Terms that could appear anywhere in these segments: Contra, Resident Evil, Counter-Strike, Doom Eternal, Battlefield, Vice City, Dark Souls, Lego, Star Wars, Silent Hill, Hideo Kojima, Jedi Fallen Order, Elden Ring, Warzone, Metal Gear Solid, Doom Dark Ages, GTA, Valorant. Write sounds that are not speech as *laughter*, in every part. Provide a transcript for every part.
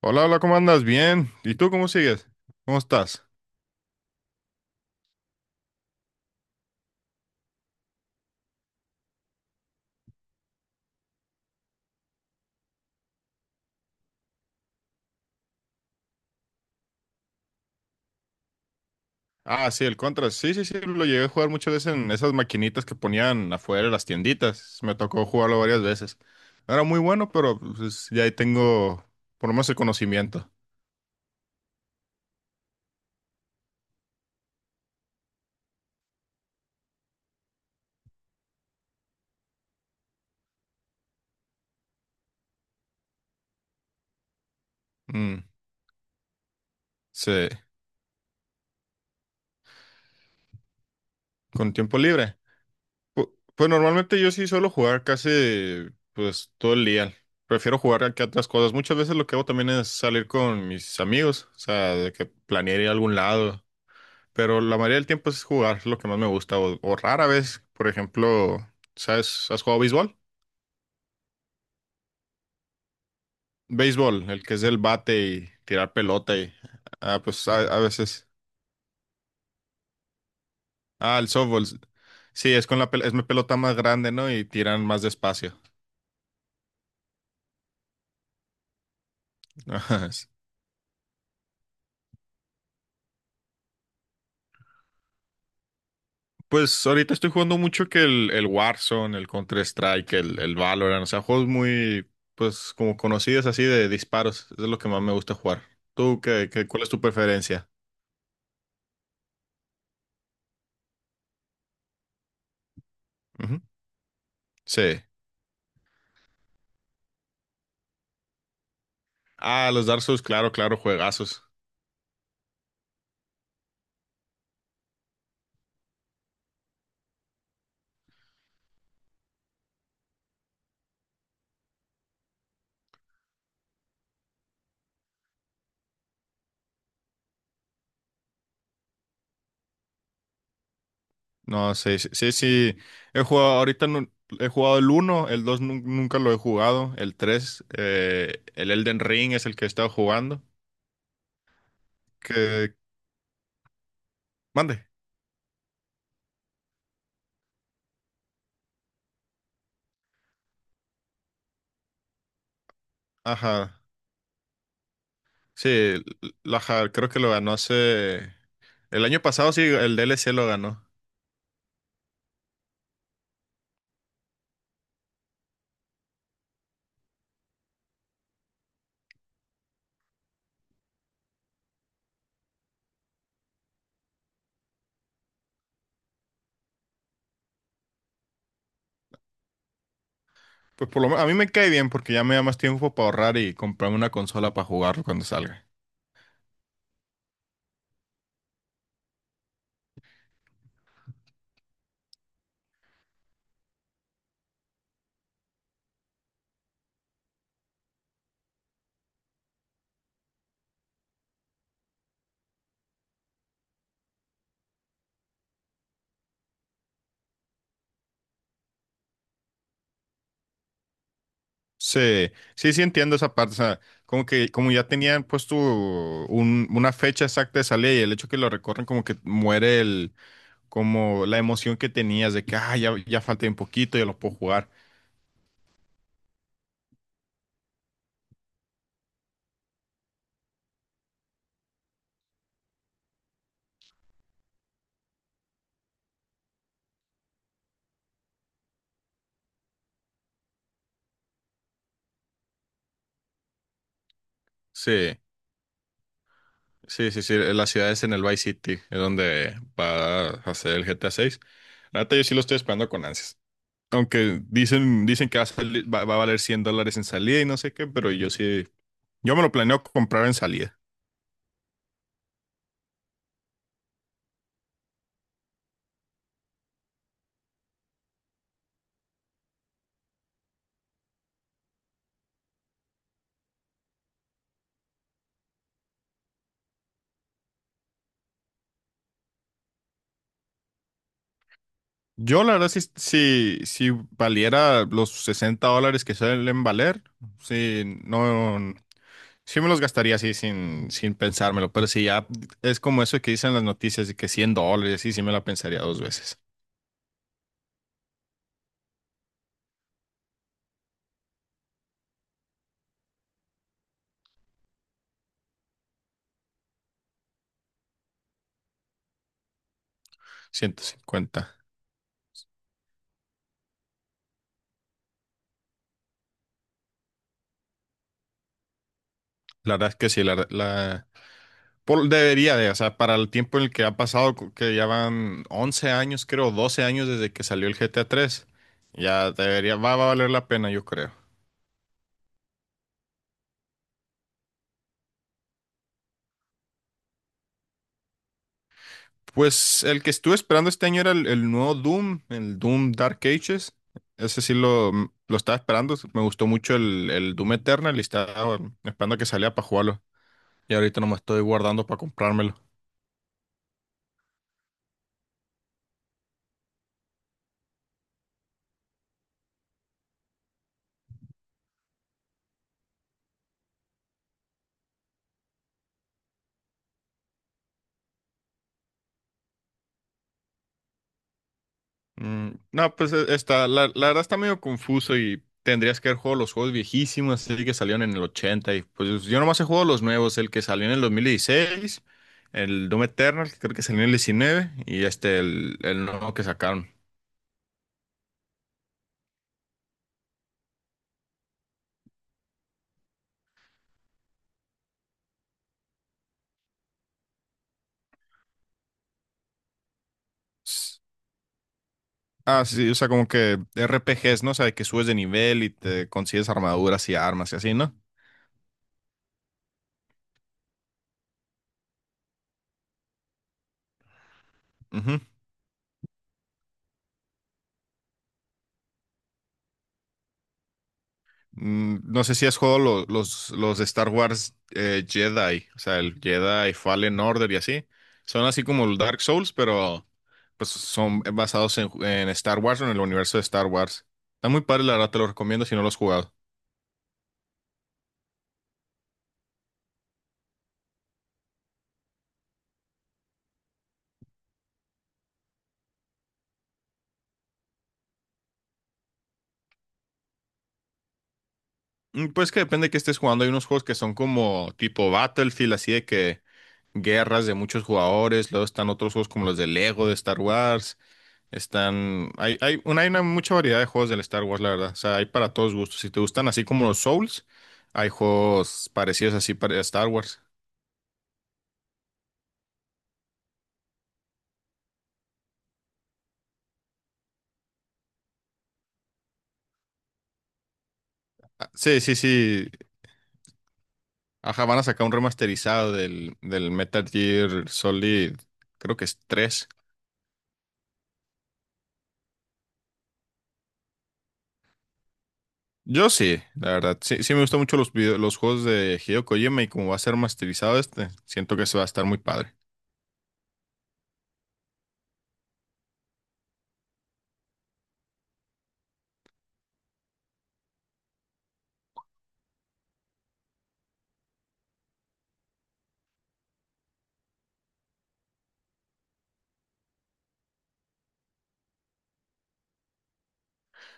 Hola, hola, ¿cómo andas? Bien. ¿Y tú cómo sigues? ¿Cómo estás? Ah, sí, el Contra. Sí, sí, sí, lo llegué a jugar muchas veces en esas maquinitas que ponían afuera de las tienditas. Me tocó jugarlo varias veces. No era muy bueno, pero pues, ya ahí tengo por lo menos el conocimiento. Mm, sí, con tiempo libre. Pues, normalmente yo sí suelo jugar casi pues todo el día. Prefiero jugar que otras cosas. Muchas veces lo que hago también es salir con mis amigos, o sea, de que planear ir a algún lado. Pero la mayoría del tiempo es jugar, es lo que más me gusta. O rara vez, por ejemplo, ¿sabes? ¿Has jugado béisbol? Béisbol, el que es del bate y tirar pelota y Ah, pues a veces... Ah, el softball. Sí, es con la es mi pelota más grande, ¿no? Y tiran más despacio. *laughs* Sí. Pues ahorita estoy jugando mucho que el Warzone, el Counter-Strike, el Valorant, o sea, juegos muy, pues, como conocidos así de disparos. Eso es lo que más me gusta jugar. ¿Tú qué, cuál es tu preferencia? Ujú. Sí. Ah, los Dark Souls, claro, claro, juegazos. No, sí, sí, sí, sí. He jugado, ahorita he jugado el uno, el 2 nunca lo he jugado, el 3, el Elden Ring es el que he estado jugando. Que, mande. Ajá. Sí, creo que lo ganó hace... El año pasado sí, el DLC lo ganó. Pues por lo menos, a mí me cae bien porque ya me da más tiempo para ahorrar y comprarme una consola para jugarlo cuando salga. Sí, sí, sí entiendo esa parte, o sea, como que como ya tenían puesto una fecha exacta de salida y el hecho que lo recorren como que muere el, como la emoción que tenías de que, ah, ya, ya falta un poquito, ya lo puedo jugar. Sí, sí, sí, sí, la ciudad es en el Vice City, es donde va a hacer el GTA 6. La neta yo sí lo estoy esperando con ansias, aunque dicen, dicen que va va a valer $100 en salida y no sé qué, pero yo sí, yo me lo planeo comprar en salida. Yo, la verdad, si valiera los $60 que suelen valer, sí, no, sí me los gastaría así sin, sin pensármelo, pero si ya es como eso que dicen las noticias de que $100, sí, sí me la pensaría dos veces, 150. La verdad es que sí, la debería de, o sea, para el tiempo en el que ha pasado, que ya van 11 años, creo, 12 años desde que salió el G GTA 3, ya debería, va, va a valer la pena, yo creo. Pues el que estuve esperando este año era el nuevo Doom, el Doom Dark Ages. Ese sí lo, lo estaba esperando. Me gustó mucho el Doom Eternal y estaba esperando a que saliera para jugarlo. Y ahorita no me estoy guardando para comprármelo. Mm, no, pues está, la verdad está medio confuso y tendrías que haber jugado los juegos viejísimos, así que salieron en el los 80. Y pues yo nomás he jugado los nuevos, el que salió en el 2016, el Doom Eternal, que creo que salió en el 19 y este, el nuevo que sacaron. Ah, sí, sí, o sea, como que R P RPGs, ¿no? O sea, de que subes de nivel y te consigues armaduras y armas y así, ¿no? Ujú. Mm, no sé si has jugado los de Star Wars, Jedi, o sea, el Jedi Fallen Order y así. Son así como el Dark Souls, pero pues son basados en Star Wars o en el universo de Star Wars. Está muy padre, la verdad, te lo recomiendo si no lo has jugado. Mm, pues que depende de qué estés jugando. Hay unos juegos que son como tipo Battlefield, así de que guerras de muchos jugadores, luego están otros juegos como los de Lego, de Star Wars, están, hay, hay una mucha variedad de juegos del Star Wars, la verdad, o sea, hay para todos gustos, si te gustan así como los Souls, hay juegos parecidos así para Star Wars. Ah, sí, sí, sí, ajá, van a sacar un remasterizado del Metal Gear Solid, creo que es 3. Yo sí, la verdad, sí, sí me gustan mucho los los juegos de Hideo Kojima y como va a ser remasterizado este, siento que se va a estar muy padre.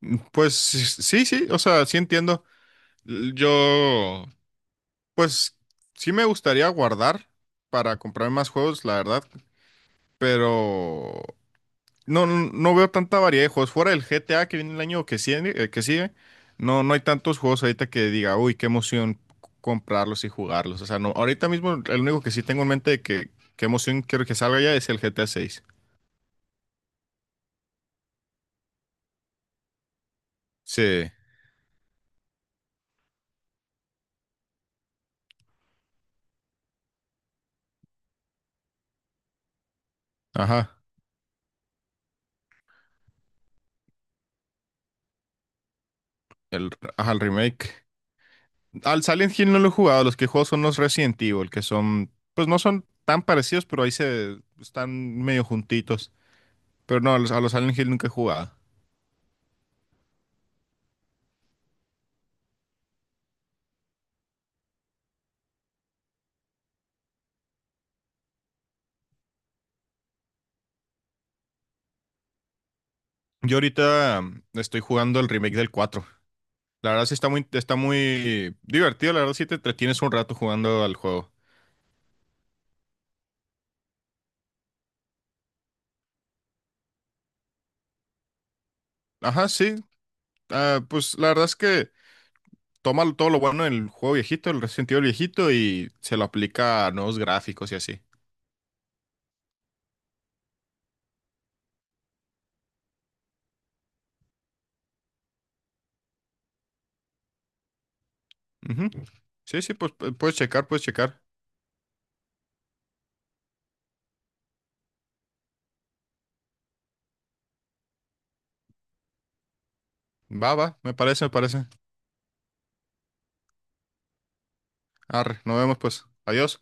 Mm, pues sí, sí, o sea, sí entiendo. Yo, pues sí me gustaría guardar para comprar más juegos, la verdad, pero no, no veo tanta variedad de juegos. Fuera del GTA que viene el año que sigue, no, no hay tantos juegos ahorita que diga, uy, qué emoción comprarlos y jugarlos. O sea, no, ahorita mismo el único que sí tengo en mente de que qué emoción quiero que salga ya es el GTA 6. Sí, ajá, el, ajá, el remake. Al Silent Hill no lo he jugado, los que juego son los Resident Evil, que son, pues no son tan parecidos, pero ahí se están medio juntitos. Pero no, a los Silent Hill nunca he jugado. Yo ahorita estoy jugando el remake del 4. La verdad sí está muy divertido, la verdad sí te entretienes un rato jugando al juego. Ajá, sí. Ah, pues la verdad es que toma todo lo bueno del juego viejito, el Resident Evil viejito, y se lo aplica a nuevos gráficos y así. Ujú. Sí, sí, pues puedes checar, puedes checar. Va, va, me parece, me parece. Arre, nos vemos pues. Adiós.